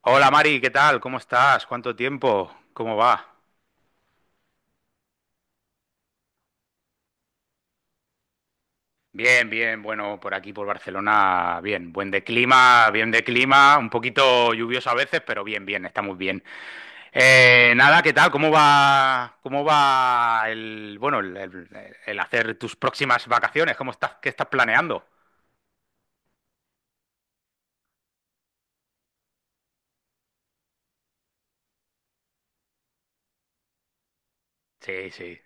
Hola Mari, ¿qué tal? ¿Cómo estás? ¿Cuánto tiempo? ¿Cómo va? Bien, bien, bueno, por aquí por Barcelona, bien, buen de clima, bien de clima, un poquito lluvioso a veces, pero bien, bien, estamos bien. Nada, ¿qué tal? Cómo va el, bueno, el hacer tus próximas vacaciones? ¿Cómo estás, qué estás planeando? Sí, sí.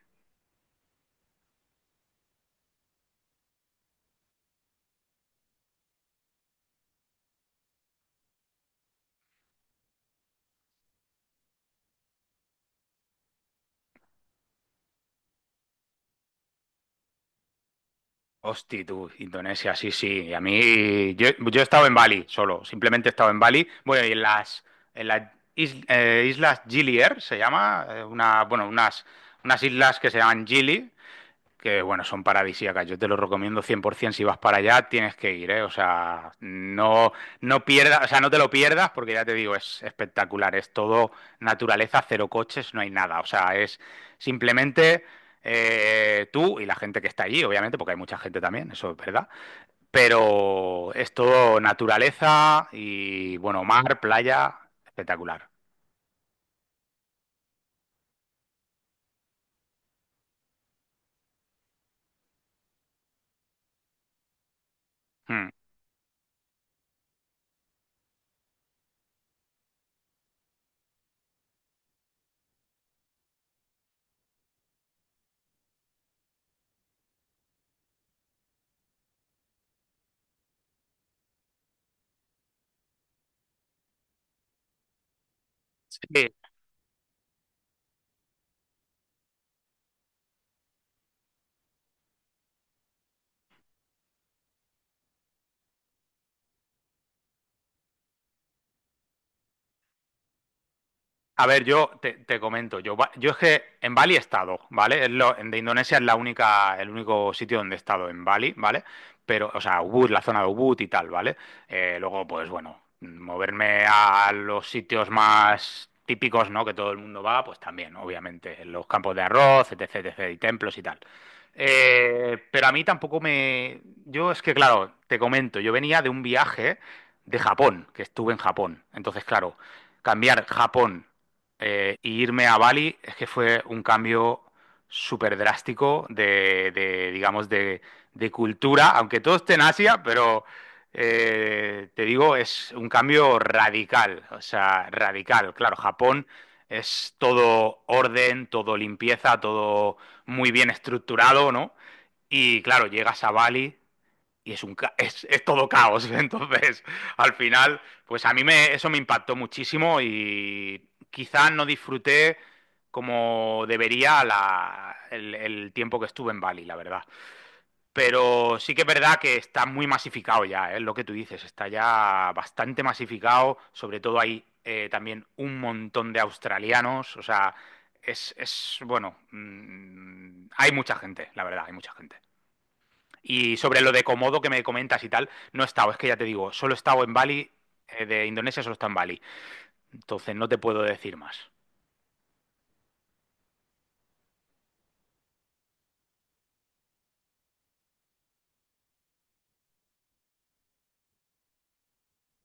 Hosti, tú, Indonesia, sí, sí. Y a mí, yo he estado en Bali solo, simplemente he estado en Bali. Bueno, y en las islas Gili Air se llama, unas islas que se llaman Gili, que bueno, son paradisíacas. Yo te lo recomiendo 100%. Si vas para allá, tienes que ir, ¿eh? O sea, no, no pierdas, o sea, no te lo pierdas porque ya te digo, es espectacular. Es todo naturaleza, cero coches, no hay nada. O sea, es simplemente tú y la gente que está allí, obviamente, porque hay mucha gente también, eso es verdad. Pero es todo naturaleza y, bueno, mar, playa, espectacular. Mm. Sí, a ver, yo te comento, yo es que en Bali he estado, ¿vale? De Indonesia es la única, el único sitio donde he estado en Bali, ¿vale? Pero, o sea, Ubud, la zona de Ubud y tal, ¿vale? Luego, pues bueno, moverme a los sitios más típicos, ¿no? Que todo el mundo va, pues también, obviamente, en los campos de arroz, etc, etc, y templos y tal. Pero a mí tampoco me... Yo es que, claro, te comento, yo venía de un viaje de Japón, que estuve en Japón. Entonces, claro, cambiar Japón y irme a Bali es que fue un cambio súper drástico digamos, de cultura, aunque todo esté en Asia, pero te digo, es un cambio radical, o sea, radical. Claro, Japón es todo orden, todo limpieza, todo muy bien estructurado, ¿no? Y claro, llegas a Bali y es, es todo caos. Entonces, al final, pues a mí me, eso me impactó muchísimo y quizás no disfruté como debería el tiempo que estuve en Bali, la verdad. Pero sí que es verdad que está muy masificado ya, es lo que tú dices, está ya bastante masificado, sobre todo hay también un montón de australianos, o sea, es, es bueno, hay mucha gente, la verdad, hay mucha gente. Y sobre lo de Komodo que me comentas y tal, no he estado, es que ya te digo, solo he estado en Bali, de Indonesia solo está en Bali. Entonces no te puedo decir más.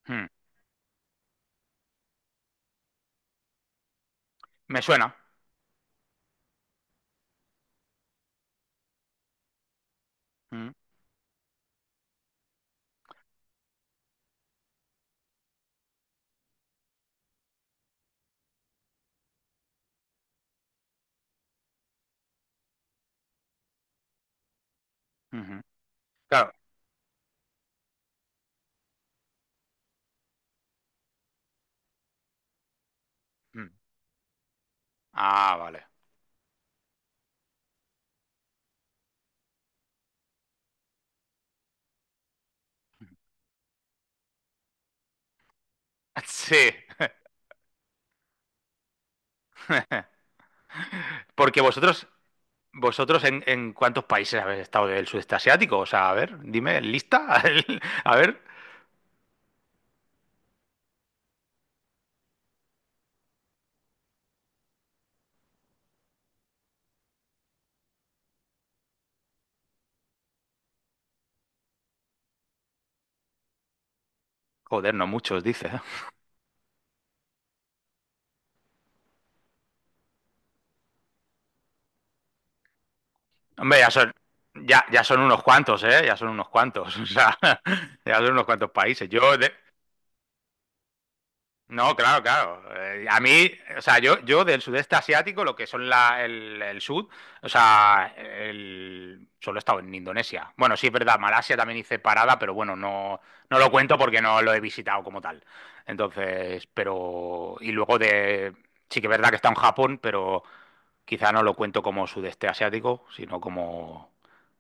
Hmm. Me suena. Hmm. Ujú. Claro. Hmm. Ah, vale. Sí. Porque vosotros, Vosotros en, ¿en cuántos países habéis estado del sudeste asiático? O sea, a ver, dime, ¿lista? A ver. Joder, no muchos, dice. Hombre, ya son unos cuantos, ¿eh? Ya son unos cuantos. O sea, ya son unos cuantos países. No, claro, claro. A mí, o sea, yo del sudeste asiático, lo que son el sur, o sea, solo he estado en Indonesia. Bueno, sí es verdad, Malasia también hice parada, pero bueno, no, no lo cuento porque no lo he visitado como tal. Entonces, pero, y luego de, sí que es verdad que está en Japón, pero quizá no lo cuento como sudeste asiático, sino como,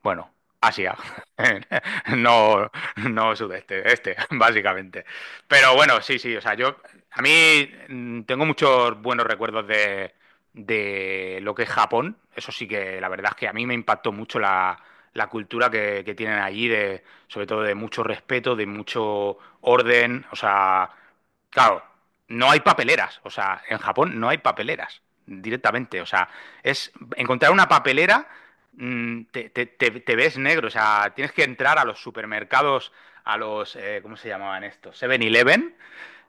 bueno, Asia. No, no sudeste, este, básicamente. Pero bueno, sí, sí, o sea, yo, a mí tengo muchos buenos recuerdos de lo que es Japón. Eso sí que la verdad es que a mí me impactó mucho la cultura que tienen allí, de, sobre todo de mucho respeto, de mucho orden. O sea, claro, no hay papeleras. O sea, en Japón no hay papeleras directamente. O sea, es encontrar una papelera, te ves negro. O sea, tienes que entrar a los supermercados, ¿cómo se llamaban estos? 7-Eleven,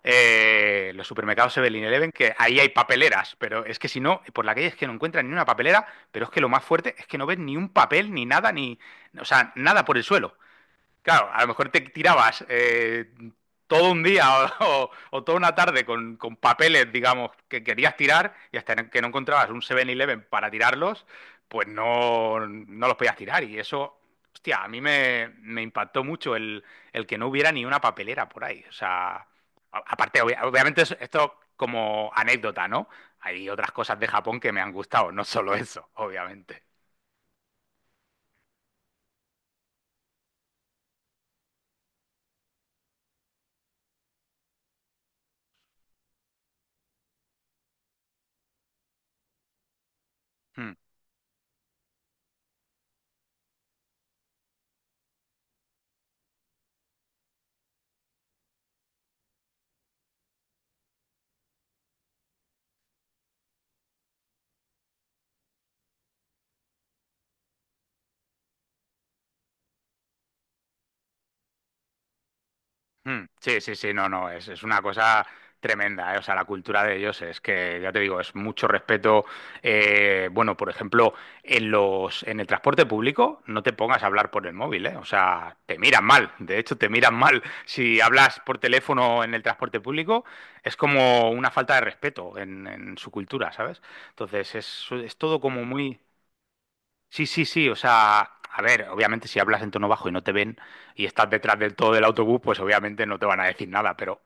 los supermercados 7-Eleven, que ahí hay papeleras, pero es que si no, por la calle es que no encuentran ni una papelera, pero es que lo más fuerte es que no ves ni un papel, ni nada, ni, o sea, nada por el suelo. Claro, a lo mejor te tirabas todo un día o, o- o toda una tarde con papeles, digamos, que querías tirar y hasta que no encontrabas un 7-Eleven para tirarlos, pues no, no los podías tirar. Y eso, hostia, a mí me, me impactó mucho el que no hubiera ni una papelera por ahí. O sea, aparte, obviamente esto como anécdota, ¿no? Hay otras cosas de Japón que me han gustado, no solo eso, obviamente. Hmm. Sí, sí, sí, no, no, es una cosa tremenda, ¿eh? O sea, la cultura de ellos es que, ya te digo, es mucho respeto. Bueno, por ejemplo, en el transporte público no te pongas a hablar por el móvil, ¿eh? O sea, te miran mal, de hecho, te miran mal. Si hablas por teléfono en el transporte público, es como una falta de respeto en su cultura, ¿sabes? Entonces, es todo como muy... Sí, sí, sí, o sea, a ver, obviamente si hablas en tono bajo y no te ven y estás detrás del todo del autobús, pues obviamente no te van a decir nada, pero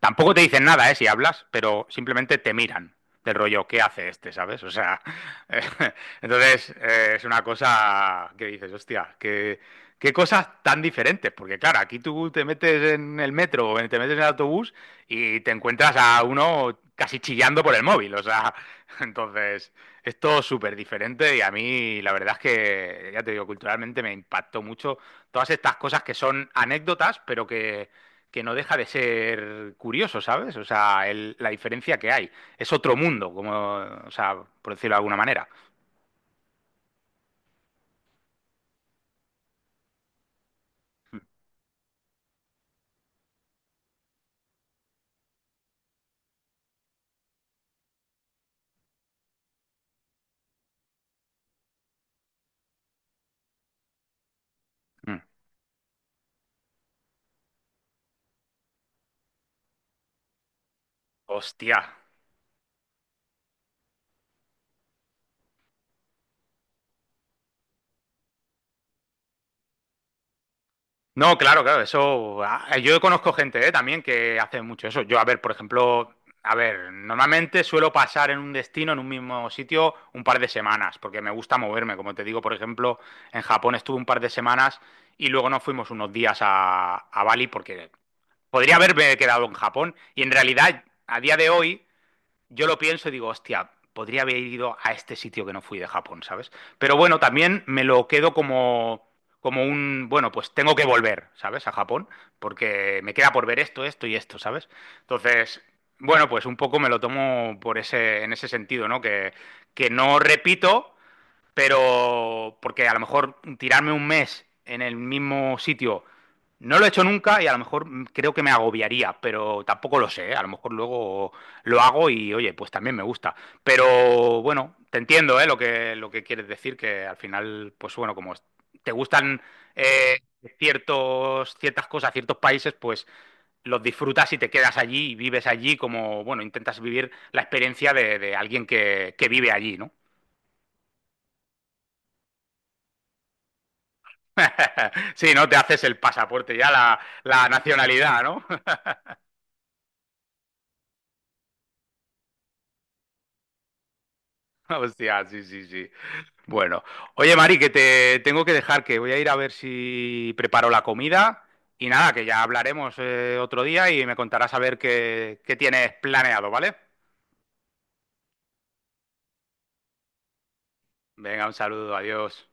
tampoco te dicen nada, ¿eh? Si hablas, pero simplemente te miran del rollo, ¿qué hace este? ¿Sabes? O sea, entonces es una cosa que dices, hostia, qué, qué cosas tan diferentes, porque claro, aquí tú te metes en el metro o te metes en el autobús y te encuentras a uno casi chillando por el móvil, o sea, entonces es todo súper diferente y a mí la verdad es que, ya te digo, culturalmente me impactó mucho todas estas cosas que son anécdotas, pero que no deja de ser curioso, ¿sabes? O sea, la diferencia que hay. Es otro mundo, como, o sea, por decirlo de alguna manera. Mm. Hostia. No, claro, claro, eso. Yo conozco gente, también que hace mucho eso. Yo, a ver, por ejemplo, a ver, normalmente suelo pasar en un destino, en un mismo sitio, un par de semanas, porque me gusta moverme. Como te digo, por ejemplo, en Japón estuve un par de semanas y luego nos fuimos unos días a Bali porque podría haberme quedado en Japón y en realidad, a día de hoy yo lo pienso y digo, hostia, podría haber ido a este sitio que no fui de Japón, ¿sabes? Pero bueno, también me lo quedo como, como un, bueno, pues tengo que volver, ¿sabes? A Japón, porque me queda por ver esto, esto y esto, ¿sabes? Entonces, bueno, pues un poco me lo tomo por ese, en ese sentido, ¿no? Que no repito, pero porque a lo mejor tirarme 1 mes en el mismo sitio no lo he hecho nunca y a lo mejor creo que me agobiaría, pero tampoco lo sé, ¿eh? A lo mejor luego lo hago y oye, pues también me gusta. Pero bueno, te entiendo, ¿eh? Lo que quieres decir, que al final, pues bueno, te gustan eh, ciertos, ciertas cosas, ciertos países, pues los disfrutas y te quedas allí y vives allí como, bueno, intentas vivir la experiencia de alguien que vive allí, ¿no? Sí, ¿no? Te haces el pasaporte ya, la nacionalidad, ¿no? Hostia, sí, sí, sí. Bueno, oye, Mari, que te tengo que dejar, que voy a ir a ver si preparo la comida y nada, que ya hablaremos otro día y me contarás a ver qué, qué tienes planeado, ¿vale? Venga, un saludo, adiós.